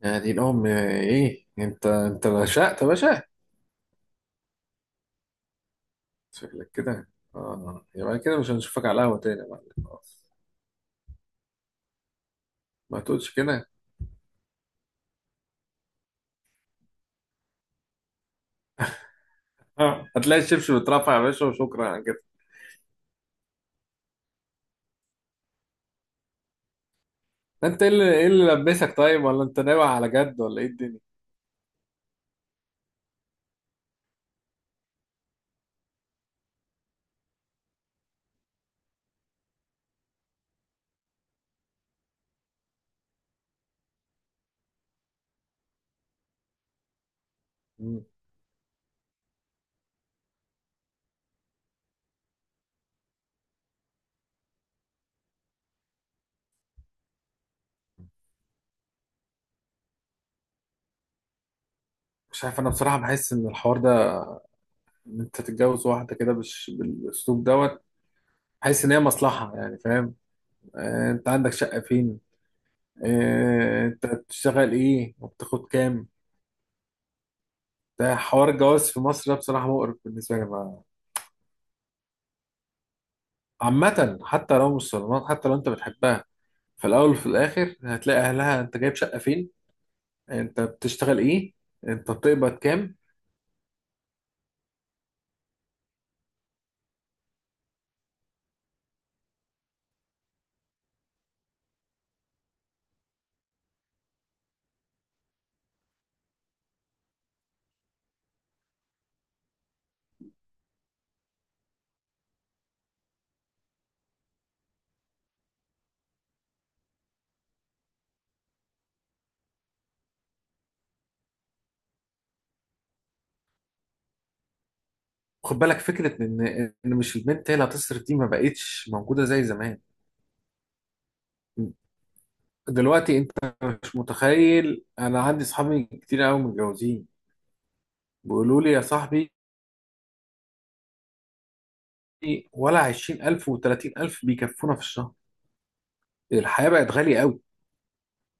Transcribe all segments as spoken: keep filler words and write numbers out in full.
يعني الأم إيه؟ أنت أنت رشقت يا باشا. شكلك كده. آه، يبقى كده مش هنشوفك على القهوة تاني يا معلم، خلاص. ما تقولش كده. آه. هتلاقي الشبشب اترفع يا باشا، وشكرا على كده. أنت إيه اللي إيه اللي لبسك؟ طيب ولا أنت ناوي على جد، ولا إيه الدنيا؟ مم. مش عارف، أنا بصراحة بحس إن الحوار ده، إن أنت تتجوز واحدة كده بالش... بالأسلوب دوت، بحس إن هي مصلحة يعني، فاهم. آه، أنت عندك شقة فين؟ آه، أنت بتشتغل إيه وبتاخد كام؟ ده حوار الجواز في مصر ده بصراحة مقرف بالنسبة لي. عامة حتى لو مش صالونات، حتى لو انت بتحبها، في الاول وفي الاخر هتلاقي اهلها: انت جايب شقة فين، انت بتشتغل ايه، انت بتقبض كام. خد بالك فكرة ان ان مش البنت هي اللي هتصرف، دي ما بقتش موجودة زي زمان. دلوقتي انت مش متخيل، انا عندي صحابي كتير قوي متجوزين بيقولوا لي يا صاحبي، ولا عشرين ألف و30000 بيكفونا في الشهر. الحياة بقت غالية قوي،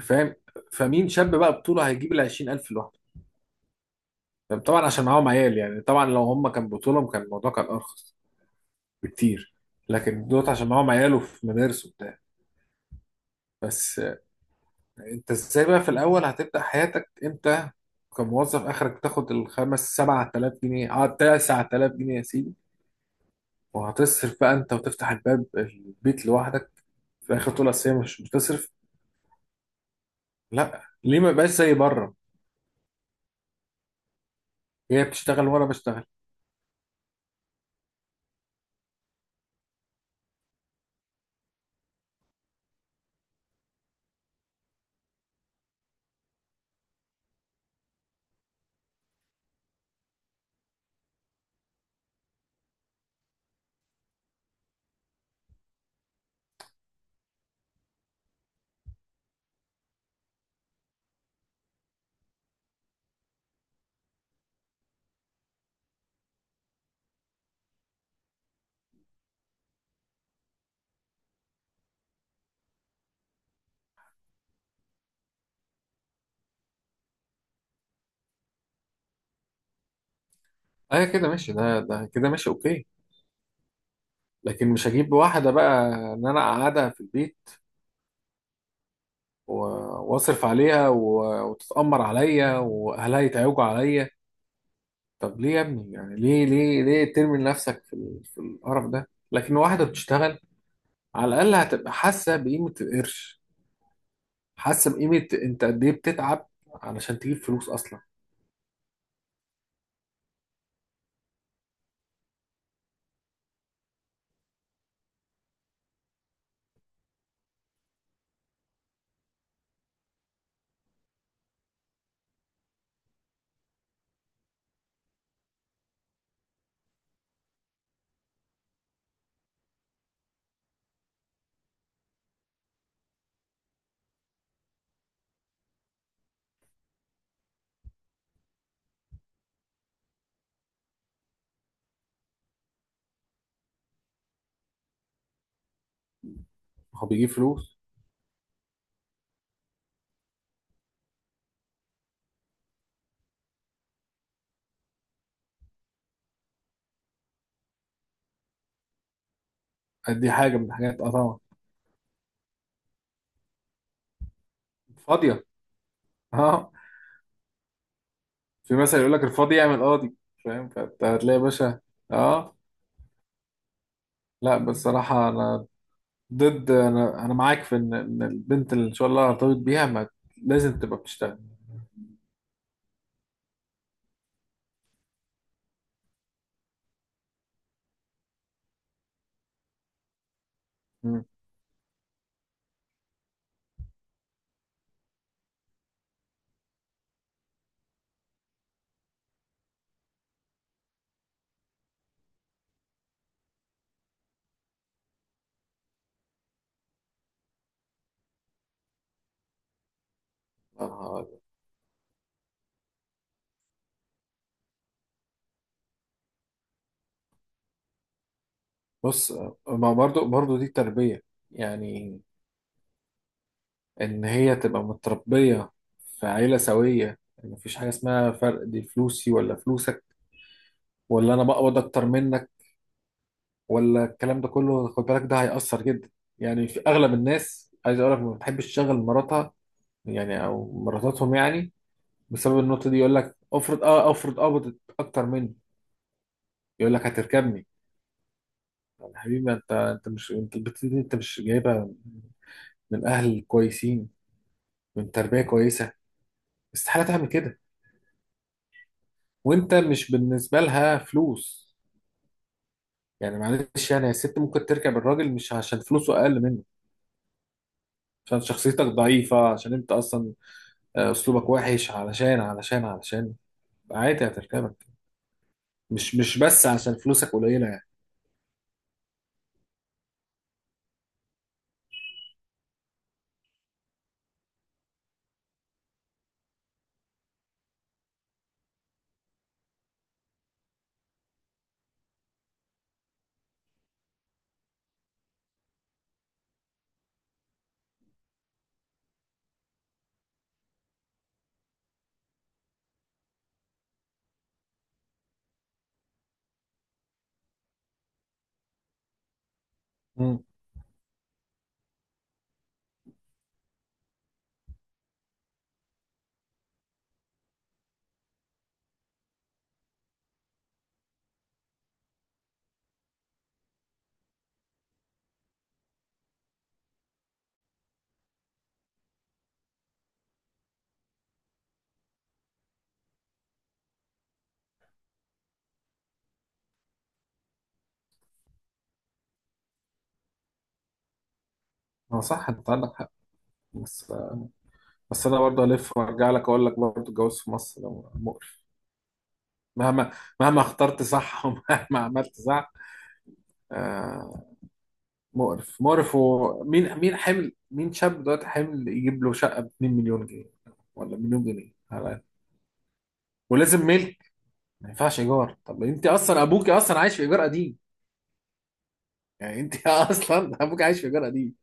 فاهم. فمين شاب بقى بطوله هيجيب ال عشرين ألف لوحده؟ طبعا عشان معاهم عيال، يعني طبعا لو هم كان بطولهم كان الموضوع كان ارخص بكتير. لكن دوت عشان معاهم عيال وفي مدارس وبتاع. بس آه، انت ازاي بقى في الاول هتبدا حياتك انت كموظف؟ اخرك تاخد الخمس سبعة آلاف جنيه، اه تسعة آلاف جنيه يا سيدي، وهتصرف بقى انت وتفتح الباب البيت لوحدك، في الاخر تقول اصل هي مش بتصرف. لا، ليه ما يبقاش زي بره؟ هي بتشتغل وانا بشتغل. اه كده ماشي، ده ده كده ماشي، اوكي. لكن مش هجيب واحده بقى ان انا اقعدها في البيت، و- واصرف عليها و- وتتأمر عليا واهلها يتعوجوا عليا. طب ليه يا ابني؟ يعني ليه ليه ليه ترمي نفسك في ال- في القرف ده؟ لكن واحده بتشتغل، على الاقل هتبقى حاسه بقيمه القرش، حاسه بقيمه انت قد ايه بتتعب علشان تجيب فلوس اصلا. هو بيجيب فلوس قد ايه، حاجه من الحاجات، اه طبعا. فاضيه. اه، في مثل يقول لك الفاضي يعمل قاضي. فاهم، فانت هتلاقي يا باشا. اه. لا بصراحه انا ضد، انا انا معاك في ان ان البنت اللي ان شاء الله ارتبط بيها ما لازم تبقى بتشتغل. مم. آه، بص، ما برضو برضو دي تربية، يعني ان هي تبقى متربية في عيلة سوية، ان مفيش حاجة اسمها فرق، دي فلوسي ولا فلوسك، ولا انا بقبض اكتر منك، ولا الكلام ده كله. خد بالك ده هيأثر جدا. يعني في اغلب الناس، عايز اقول لك، ما بتحبش تشغل مراتها، يعني او مراتاتهم يعني، بسبب النقطة دي. يقول لك افرض اه افرض قبضت اكتر مني، يقول لك هتركبني. طب يا حبيبي، انت، انت مش انت البت دي انت مش جايبها من اهل كويسين، من تربيه كويسه. استحاله تعمل كده. وانت مش بالنسبه لها فلوس. يعني معلش يعني يا ست، ممكن تركب الراجل مش عشان فلوسه اقل منه، عشان شخصيتك ضعيفه، عشان انت اصلا آه، اسلوبك وحش، علشان علشان علشان عادي هتركبك، مش مش بس عشان فلوسك قليله يعني. امم. هو صح، انت عندك حق. بس بس انا برضه الف وارجع لك اقول لك برضه الجواز في مصر ده مقرف. مهما مهما اخترت صح، ومهما عملت صح، آه. مقرف مقرف. ومين مين حمل؟ مين شاب دلوقتي حمل يجيب له شقة ب اتنين مليون جنيه، ولا مليون جنيه على- الأقل. ولازم ملك، ما ينفعش ايجار. طب انت اصلا ابوك اصلا عايش في ايجار قديم. يعني انت اصلا ابوك عايش في ايجار قديم،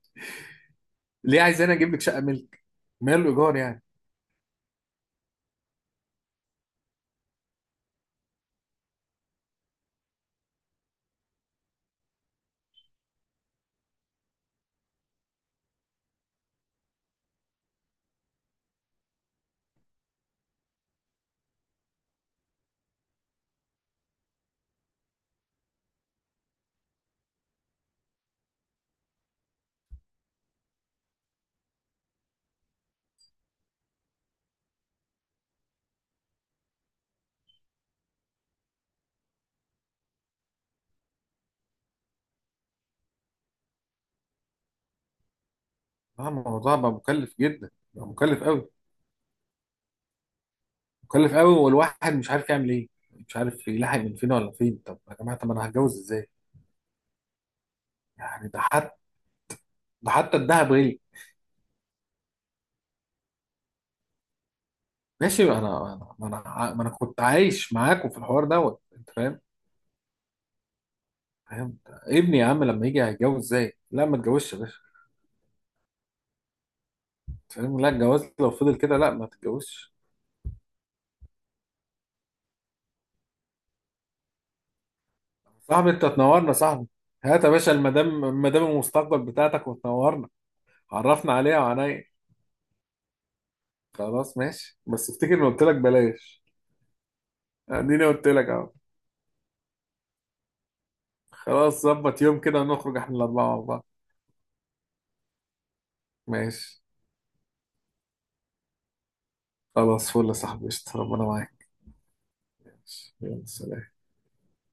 ليه عايز انا اجيب لك شقة ملك؟ ماله ايجار يعني. اه، الموضوع بقى مكلف جدا، بقى مكلف قوي، مكلف قوي، والواحد مش عارف يعمل ايه، مش عارف يلاحق من فين ولا فين. طب يا جماعة، طب انا هتجوز ازاي؟ يعني ده ده حتى الذهب غلي. ماشي، انا انا ما انا ع- ما انا كنت عايش معاكم في الحوار دوت، انت فاهم. فاهم ابني يا عم لما يجي هيتجوز ازاي؟ لا، ما تجوزش يا باشا. أنت فاهم؟ لا، الجواز لو فضل كده لا، ما تتجوزش. صاحبي، انت تنورنا صاحبي. هات يا باشا المدام، المدام المستقبل بتاعتك، وتنورنا، عرفنا عليها وعليا. خلاص ماشي، بس افتكر اني قلت لك بلاش، اديني قلت لك اهو. خلاص، ظبط يوم كده ونخرج احنا الاربعه مع بعض. ماشي، خلاص، فل يا صاحبي، قشطة. ربنا معاك. ماشي، يلا سلام.